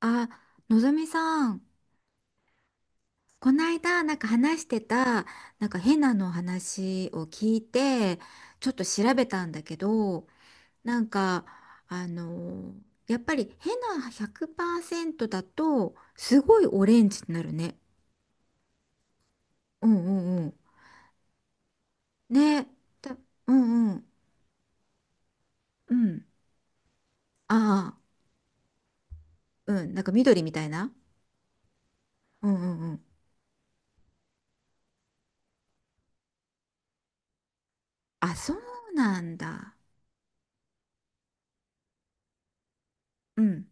あ、のぞみさん、こないだなんか話してた、なんか変なの話を聞いて、ちょっと調べたんだけど、なんか、あのやっぱり変な100%だと、すごいオレンジになるね。うんうんうん。ね。た、うんうん。うん。ああ、うん。なんか緑みたいな。うんうんうん。あ、そうなんだ。うん。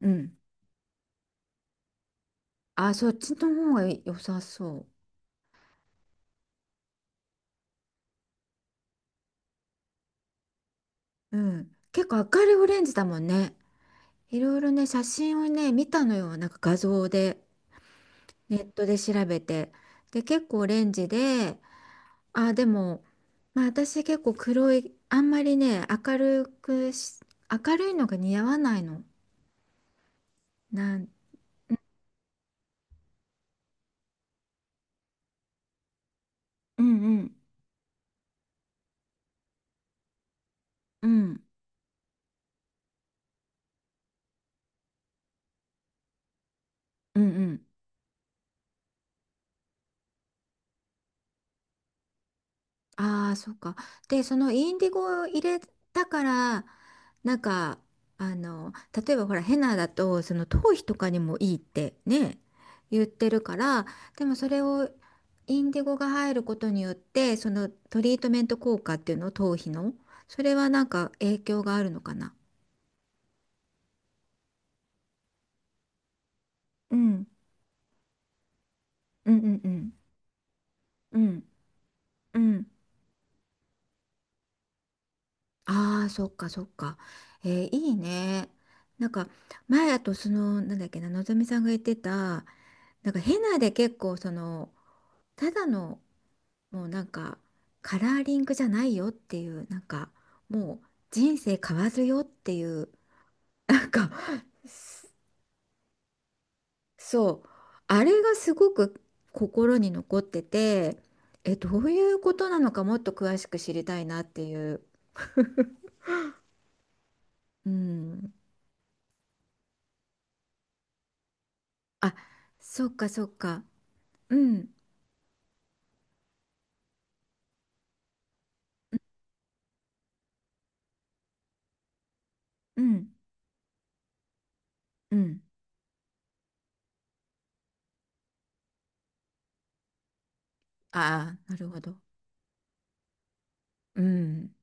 うん。あ、そっちの方が良さそう。うん。結構明るいオレンジだもんね。いろいろね、写真をね、見たのよ。なんか画像で、ネットで調べて。で、結構オレンジで、あ、でも、まあ私結構黒い、あんまりね、明るいのが似合わないの。なん、うんうん、うん、うんうん。ああ、そうか。で、そのインディゴを入れたから、なんか、あの、例えばほら、ヘナだと、その頭皮とかにもいいってね、言ってるから、でもそれをインディゴが入ることによって、そのトリートメント効果っていうの、頭皮の、それはなんか影響があるのかな。うん、うんうんうんうんうん。ああーそっかそっか。えー、いいね。なんか前、あと、そのなんだっけな、のぞみさんが言ってた、なんかヘナで結構その、ただの、もうなんかカラーリングじゃないよっていう、なんかもう人生変わるよっていう。 なんか、すそう、あれがすごく心に残ってて、えどういうことなのか、もっと詳しく知りたいなっていう。うん、あ、そっかそっか。うんうんうん。ああーなるほど。うん。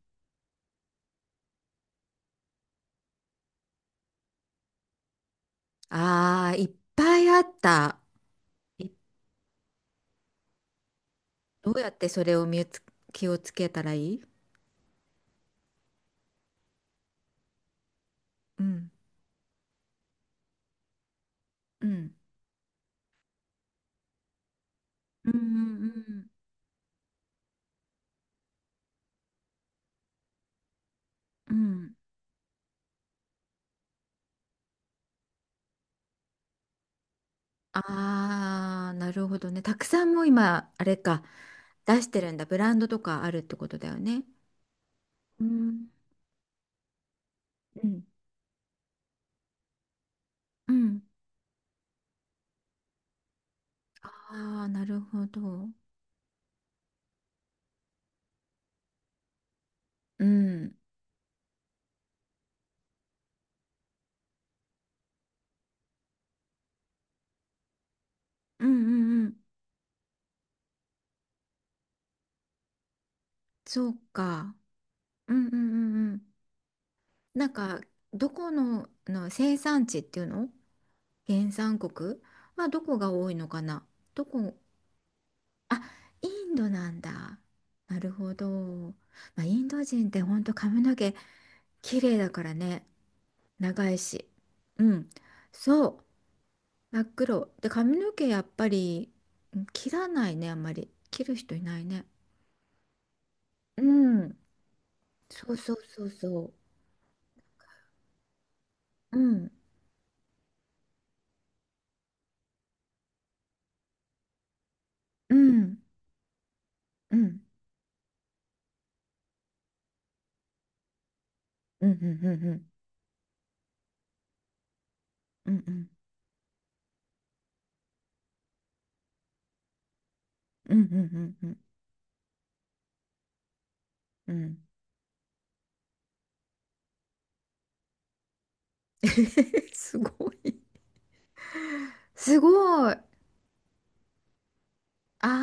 ああーいっぱいあった。いどうやってそれを、気をつけたらいい。うんうんうんうんうんうん。ああー、なるほどね。たくさんもう今、あれか、出してるんだ。ブランドとかあるってことだよね。うん。うんうん。ああ、なるほど。うん。うんうんうん。そうか。うんうんうんうん。なんか、どこの生産地っていうの、原産国はどこが多いのかな。どこ、あ、インドなんだ。なるほど。まあ、インド人って本当髪の毛綺麗だからね、長いし。うん、そう、真っ黒。で、髪の毛やっぱり、うん、切らないね、あんまり。切る人いないね。うん、そうそうそうそう。うん、うん、うん、うん、うん、うん、うん、うん、うん、うん、うん、うん、うん。うん。 すごい。すごい。ああ。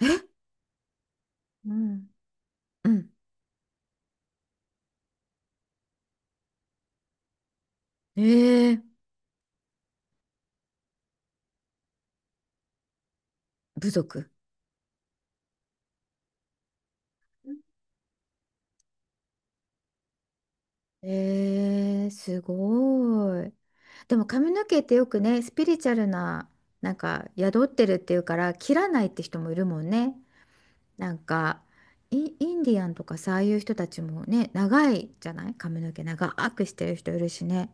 え、うん、うん。ええ、部族。ええ、すごい。でも髪の毛ってよくね、スピリチュアルな、なんか宿ってるっていうから、切らないって人もいるもんね。なんか、インディアンとかさ、ああいう人たちもね、長いじゃない、髪の毛長くしてる人いるしね。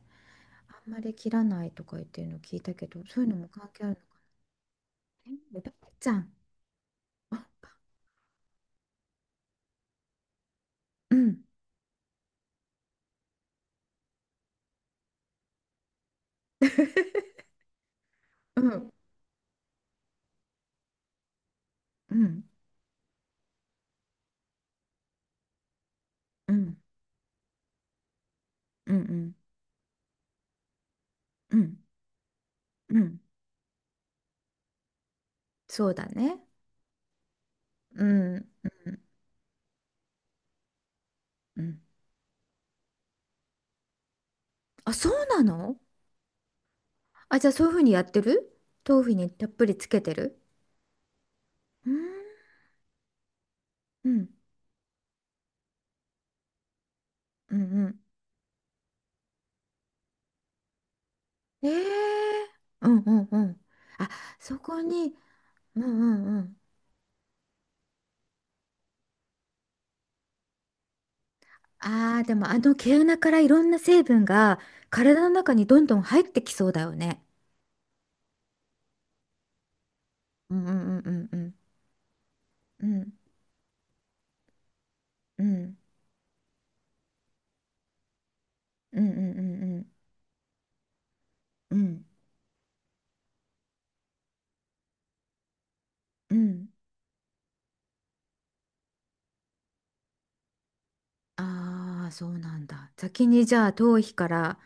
あんまり切らないとか言ってるの聞いたけど、そういうのも関係あるのかね。え、ベタちゃん。あ、うん、うん、うん、うん、うん、うん、うん、うん、そうだね。うん、うん、うん。あ、そうなの？あ、じゃあそういうふうにやってる、豆腐にたっぷりつけてる。うーん、うん、うん、うん。ええー、うんうんうん。あ、そこに、うんうんうん。ああ、でもあの毛穴からいろんな成分が体の中にどんどん入ってきそうだよね。うんうんうんうんうん。うんうんうんうんうんうんうん。ああー、そうなんだ。先にじゃあ頭皮から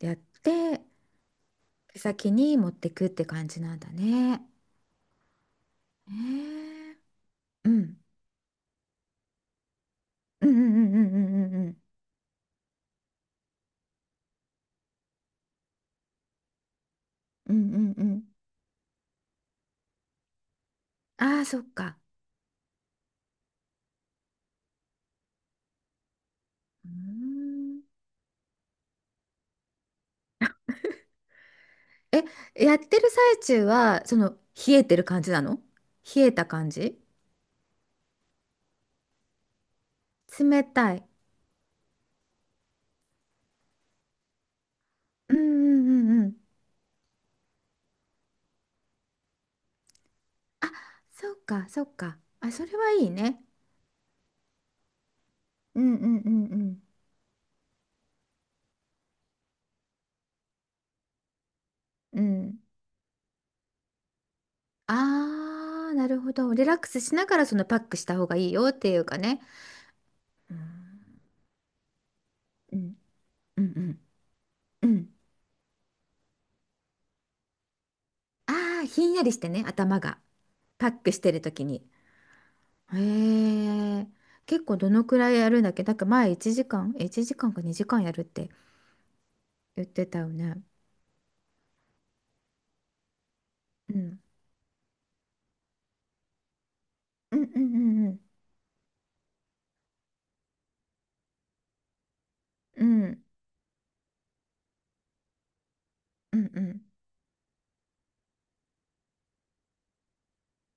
やって、先に持ってくって感じなんだね。ええ、うん。うんうんうんうんうんうんうんうんうん。ああー、そっか。うーん。え、やってる最中は、その、冷えてる感じなの？冷えた感じ？冷たい。うんうんうんうん。あ、そっか、そっか。あ、それはいいね。うんうんうんうん。うん。ああ、なるほど。リラックスしながら、そのパックした方がいいよっていうかね。うんうんうんうん。うん。ああ、ひんやりしてね、頭が。パックしてる時に。へえ、結構どのくらいやるんだっけ？なんか前1時間、1時間か2時間やるって言ってたよね。うん。うんうんうんうん。うんうんうん。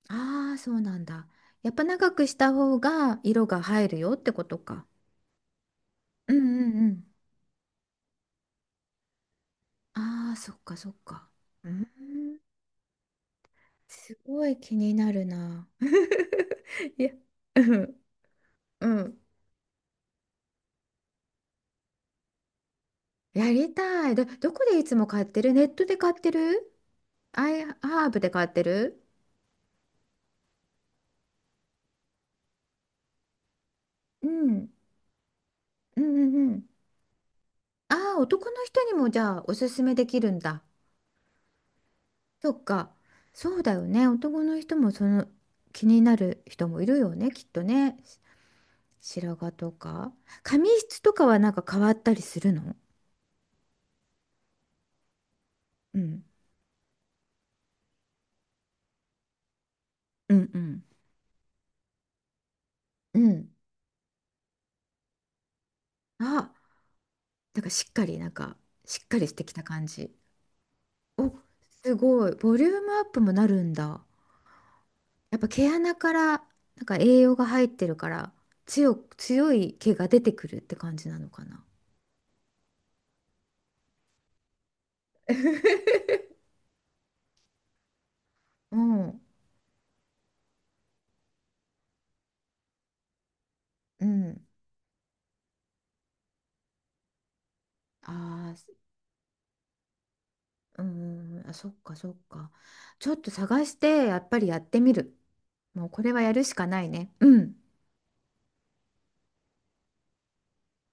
ああ、そうなんだ。やっぱ長くした方が色が入るよってことか。うんうんうん。ああ、そっかそっか。うん。すごい気になるな。いや、うんうん。やりたい。どこでいつも買ってる？ネットで買ってる？アイハーブで買ってる？うん。うんうんうん。ああ、男の人にもじゃあおすすめできるんだ。そっか。そうだよね。男の人もその気になる人もいるよね、きっとね。白髪とか。髪質とかはなんか変わったりするの？うん。うんうん。うん。あ、なんかしっかりしてきた感じ。お、すごい。ボリュームアップもなるんだ。やっぱ毛穴からなんか栄養が入ってるから、強い毛が出てくるって感じなのかな。うん、うん。ああ、うん、あ、そっかそっか。ちょっと探して、やっぱりやってみる。もうこれはやるしかないね。うん。